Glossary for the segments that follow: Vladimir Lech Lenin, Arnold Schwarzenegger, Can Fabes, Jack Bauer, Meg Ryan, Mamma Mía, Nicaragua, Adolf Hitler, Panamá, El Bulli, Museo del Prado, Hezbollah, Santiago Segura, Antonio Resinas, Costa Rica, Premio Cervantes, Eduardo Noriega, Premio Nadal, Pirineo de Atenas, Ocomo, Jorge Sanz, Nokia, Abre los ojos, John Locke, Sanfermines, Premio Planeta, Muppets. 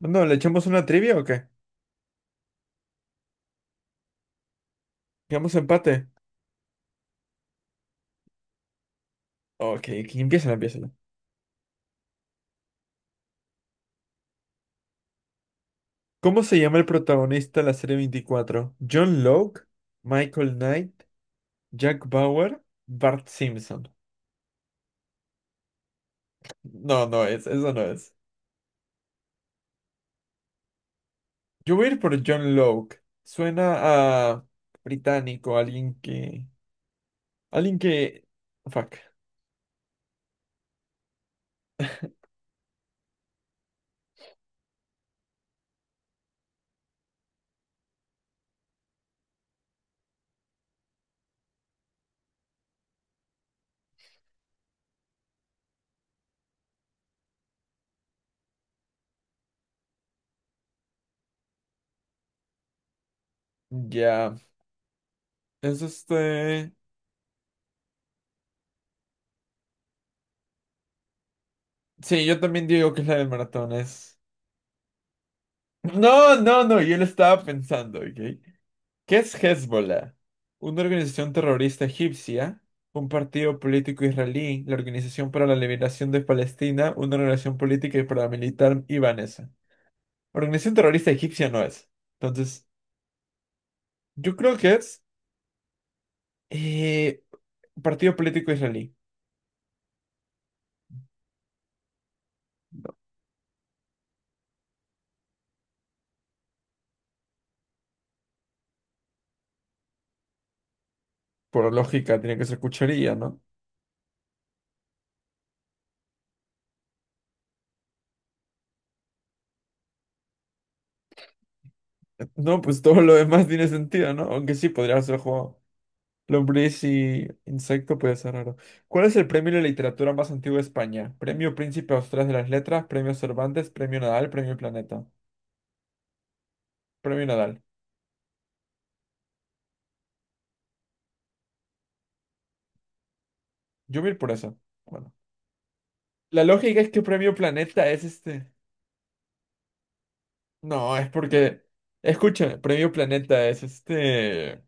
No, ¿le echamos una trivia o qué? ¿Digamos empate? Ok, que empieza, empieza. ¿Cómo se llama el protagonista de la serie 24? ¿John Locke? ¿Michael Knight? ¿Jack Bauer? ¿Bart Simpson? No, no es, eso no es. Yo voy a ir por John Locke. Suena a británico, alguien que... Alguien que... Fuck. Ya. Es este... Sí, yo también digo que es la del maratón, es... No, no, no, yo lo estaba pensando, ¿ok? ¿Qué es Hezbollah? Una organización terrorista egipcia, un partido político israelí, la Organización para la Liberación de Palestina, una organización política y paramilitar ibanesa. Organización terrorista egipcia no es. Entonces, yo creo que es eh, partido político israelí. Por lógica, tiene que ser cucharilla, ¿no? No, pues todo lo demás tiene sentido, ¿no? Aunque sí, podría ser jugado. Lombriz y insecto puede ser raro. ¿Cuál es el premio de literatura más antiguo de España? Premio Príncipe Austral de las Letras, Premio Cervantes, Premio Nadal, Premio Planeta. Premio Nadal. Yo voy a ir por eso. Bueno. La lógica es que Premio Planeta es este. No, es porque. Escúchame, Premio Planeta es este.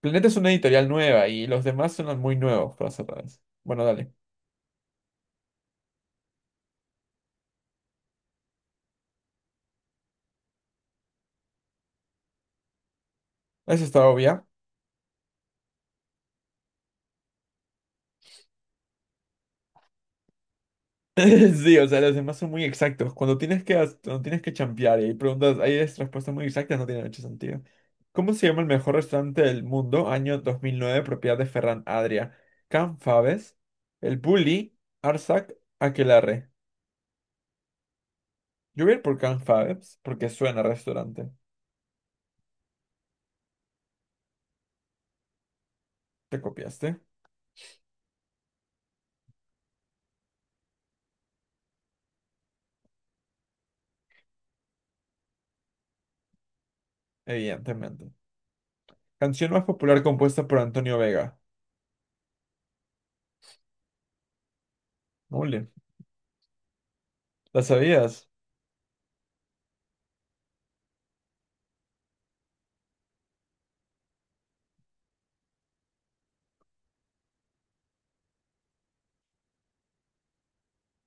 Planeta es una editorial nueva y los demás son muy nuevos, para ser raros. Bueno, dale. Eso está obvia. Sí, o sea, los demás son muy exactos. Cuando tienes que, cuando tienes que champear y hay preguntas, hay respuestas muy exactas, no tiene mucho sentido. ¿Cómo se llama el mejor restaurante del mundo? Año 2009, propiedad de Ferran Adrià. Can Fabes, El Bulli, Arsac, Aquelarre. Yo voy a ir por Can Fabes porque suena a restaurante. ¿Te copiaste? Evidentemente. Canción más popular compuesta por Antonio Vega. Mule. ¿La sabías?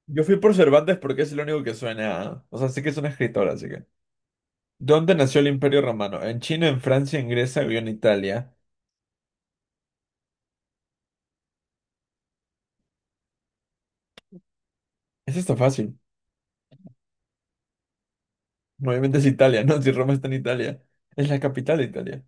Yo fui por Cervantes porque es el único que suena. ¿Eh? O sea, sí que es un escritor, así que. ¿Dónde nació el Imperio Romano? ¿En China, en Francia, en Grecia o en Italia? Eso está fácil. Obviamente es Italia, ¿no? Si Roma está en Italia. Es la capital de Italia.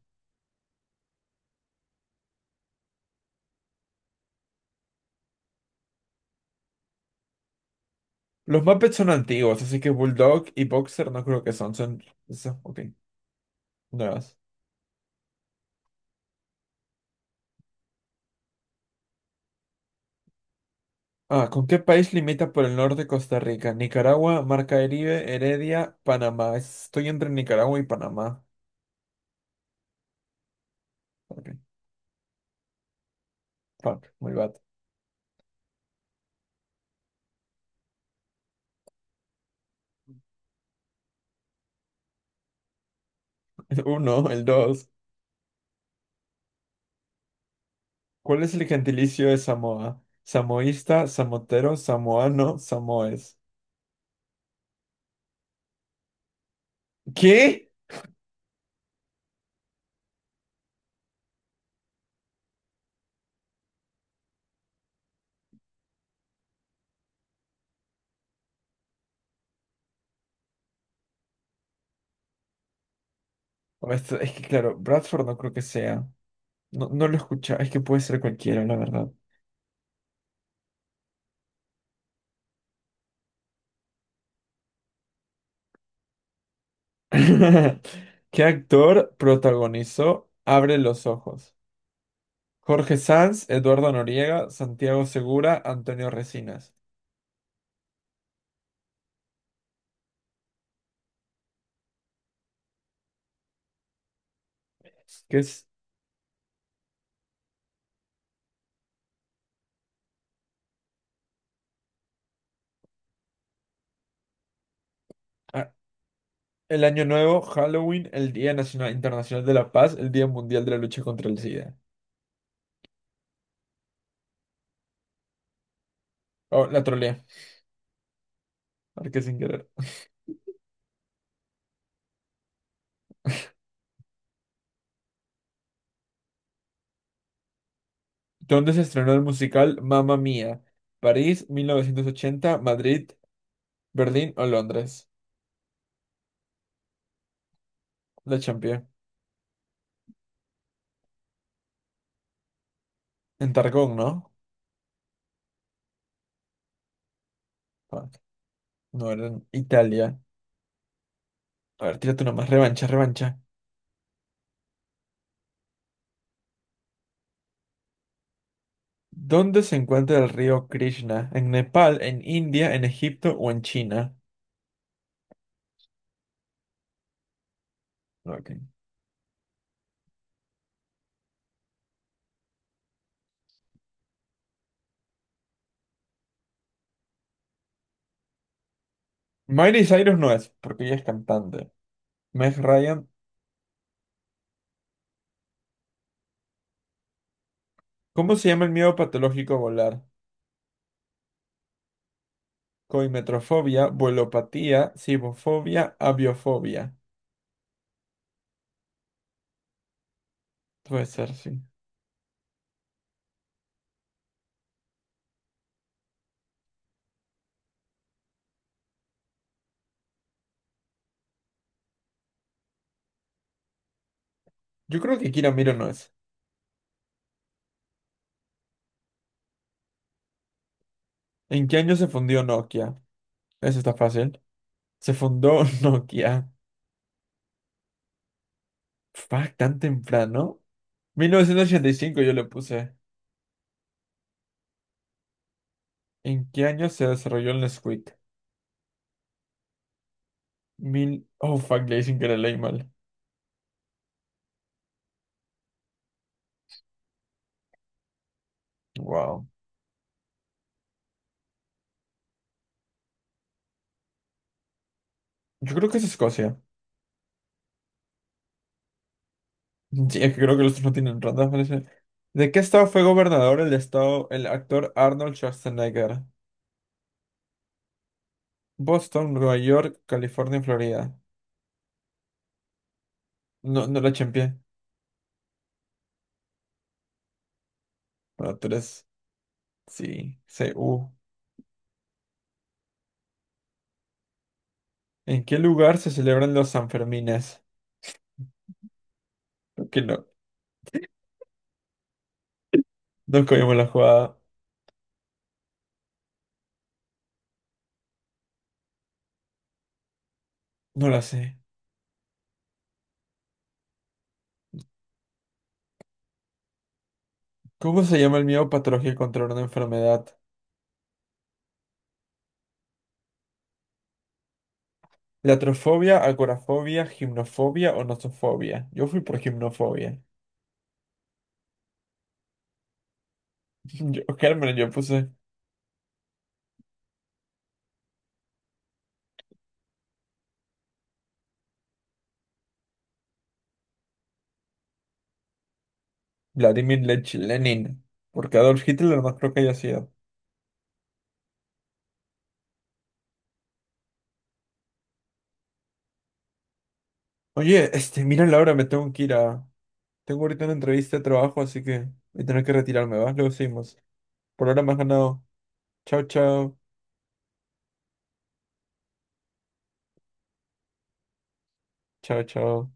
Los Muppets son antiguos, así que Bulldog y Boxer no creo que son. Son... Eso, ok, nuevas. Ah, ¿con qué país limita por el norte Costa Rica? Nicaragua, Mar Caribe, Heredia, Panamá. Estoy entre Nicaragua y Panamá. Ok, fuck, muy bad. El uno, el dos. ¿Cuál es el gentilicio de Samoa? Samoísta, samotero, samoano, samoes. ¿Qué? Es que claro, Bradford no creo que sea. No, no lo escucha. Es que puede ser cualquiera, la verdad. ¿Qué actor protagonizó Abre los ojos? Jorge Sanz, Eduardo Noriega, Santiago Segura, Antonio Resinas. ¿Qué es ah, el Año Nuevo, Halloween, el Día Nacional Internacional de la Paz, el Día Mundial de la Lucha contra el SIDA? Oh, la trolea. Marqué sin querer. ¿Dónde se estrenó el musical Mamma Mía? ¿París, 1980, Madrid, Berlín o Londres? La Champions. En Targón, ¿no? Fuck. No, era en Italia. A ver, tírate una más. Revancha, revancha. ¿Dónde se encuentra el río Krishna? ¿En Nepal, en India, en Egipto o en China? Ok. Miley Cyrus no es, porque ella es cantante. Meg Ryan. ¿Cómo se llama el miedo patológico a volar? Coimetrofobia, vuelopatía, cibofobia, aviofobia. Puede ser, sí. Yo creo que Kira Miro no es. ¿En qué año se fundió Nokia? Eso está fácil. Se fundó Nokia. Fuck, tan temprano. 1985 yo le puse. ¿En qué año se desarrolló el Nesquik? Mil... Oh, fuck, le dicen que le leí mal. Wow. Yo creo que es Escocia. Sí, es que creo que los otros no tienen rondas, parece. ¿De qué estado fue gobernador el estado, el actor Arnold Schwarzenegger? Boston, Nueva York, California, Florida. No, no la champié. Bueno, tú eres... Sí, Cu. ¿En qué lugar se celebran los Sanfermines? Creo que no. No cogimos la jugada. No la sé. ¿Cómo se llama el miedo patológico contra una enfermedad? Latrofobia, agorafobia, gimnofobia o nosofobia. Yo fui por gimnofobia. Yo, Germán, yo puse Vladimir Lech Lenin. Porque Adolf Hitler no creo que haya sido. Oye, este, mira Laura, me tengo que ir a... Tengo ahorita una entrevista de trabajo, así que voy a tener que retirarme, ¿vas? Luego seguimos. Por ahora me has ganado. Chao, chao. Chao, chao.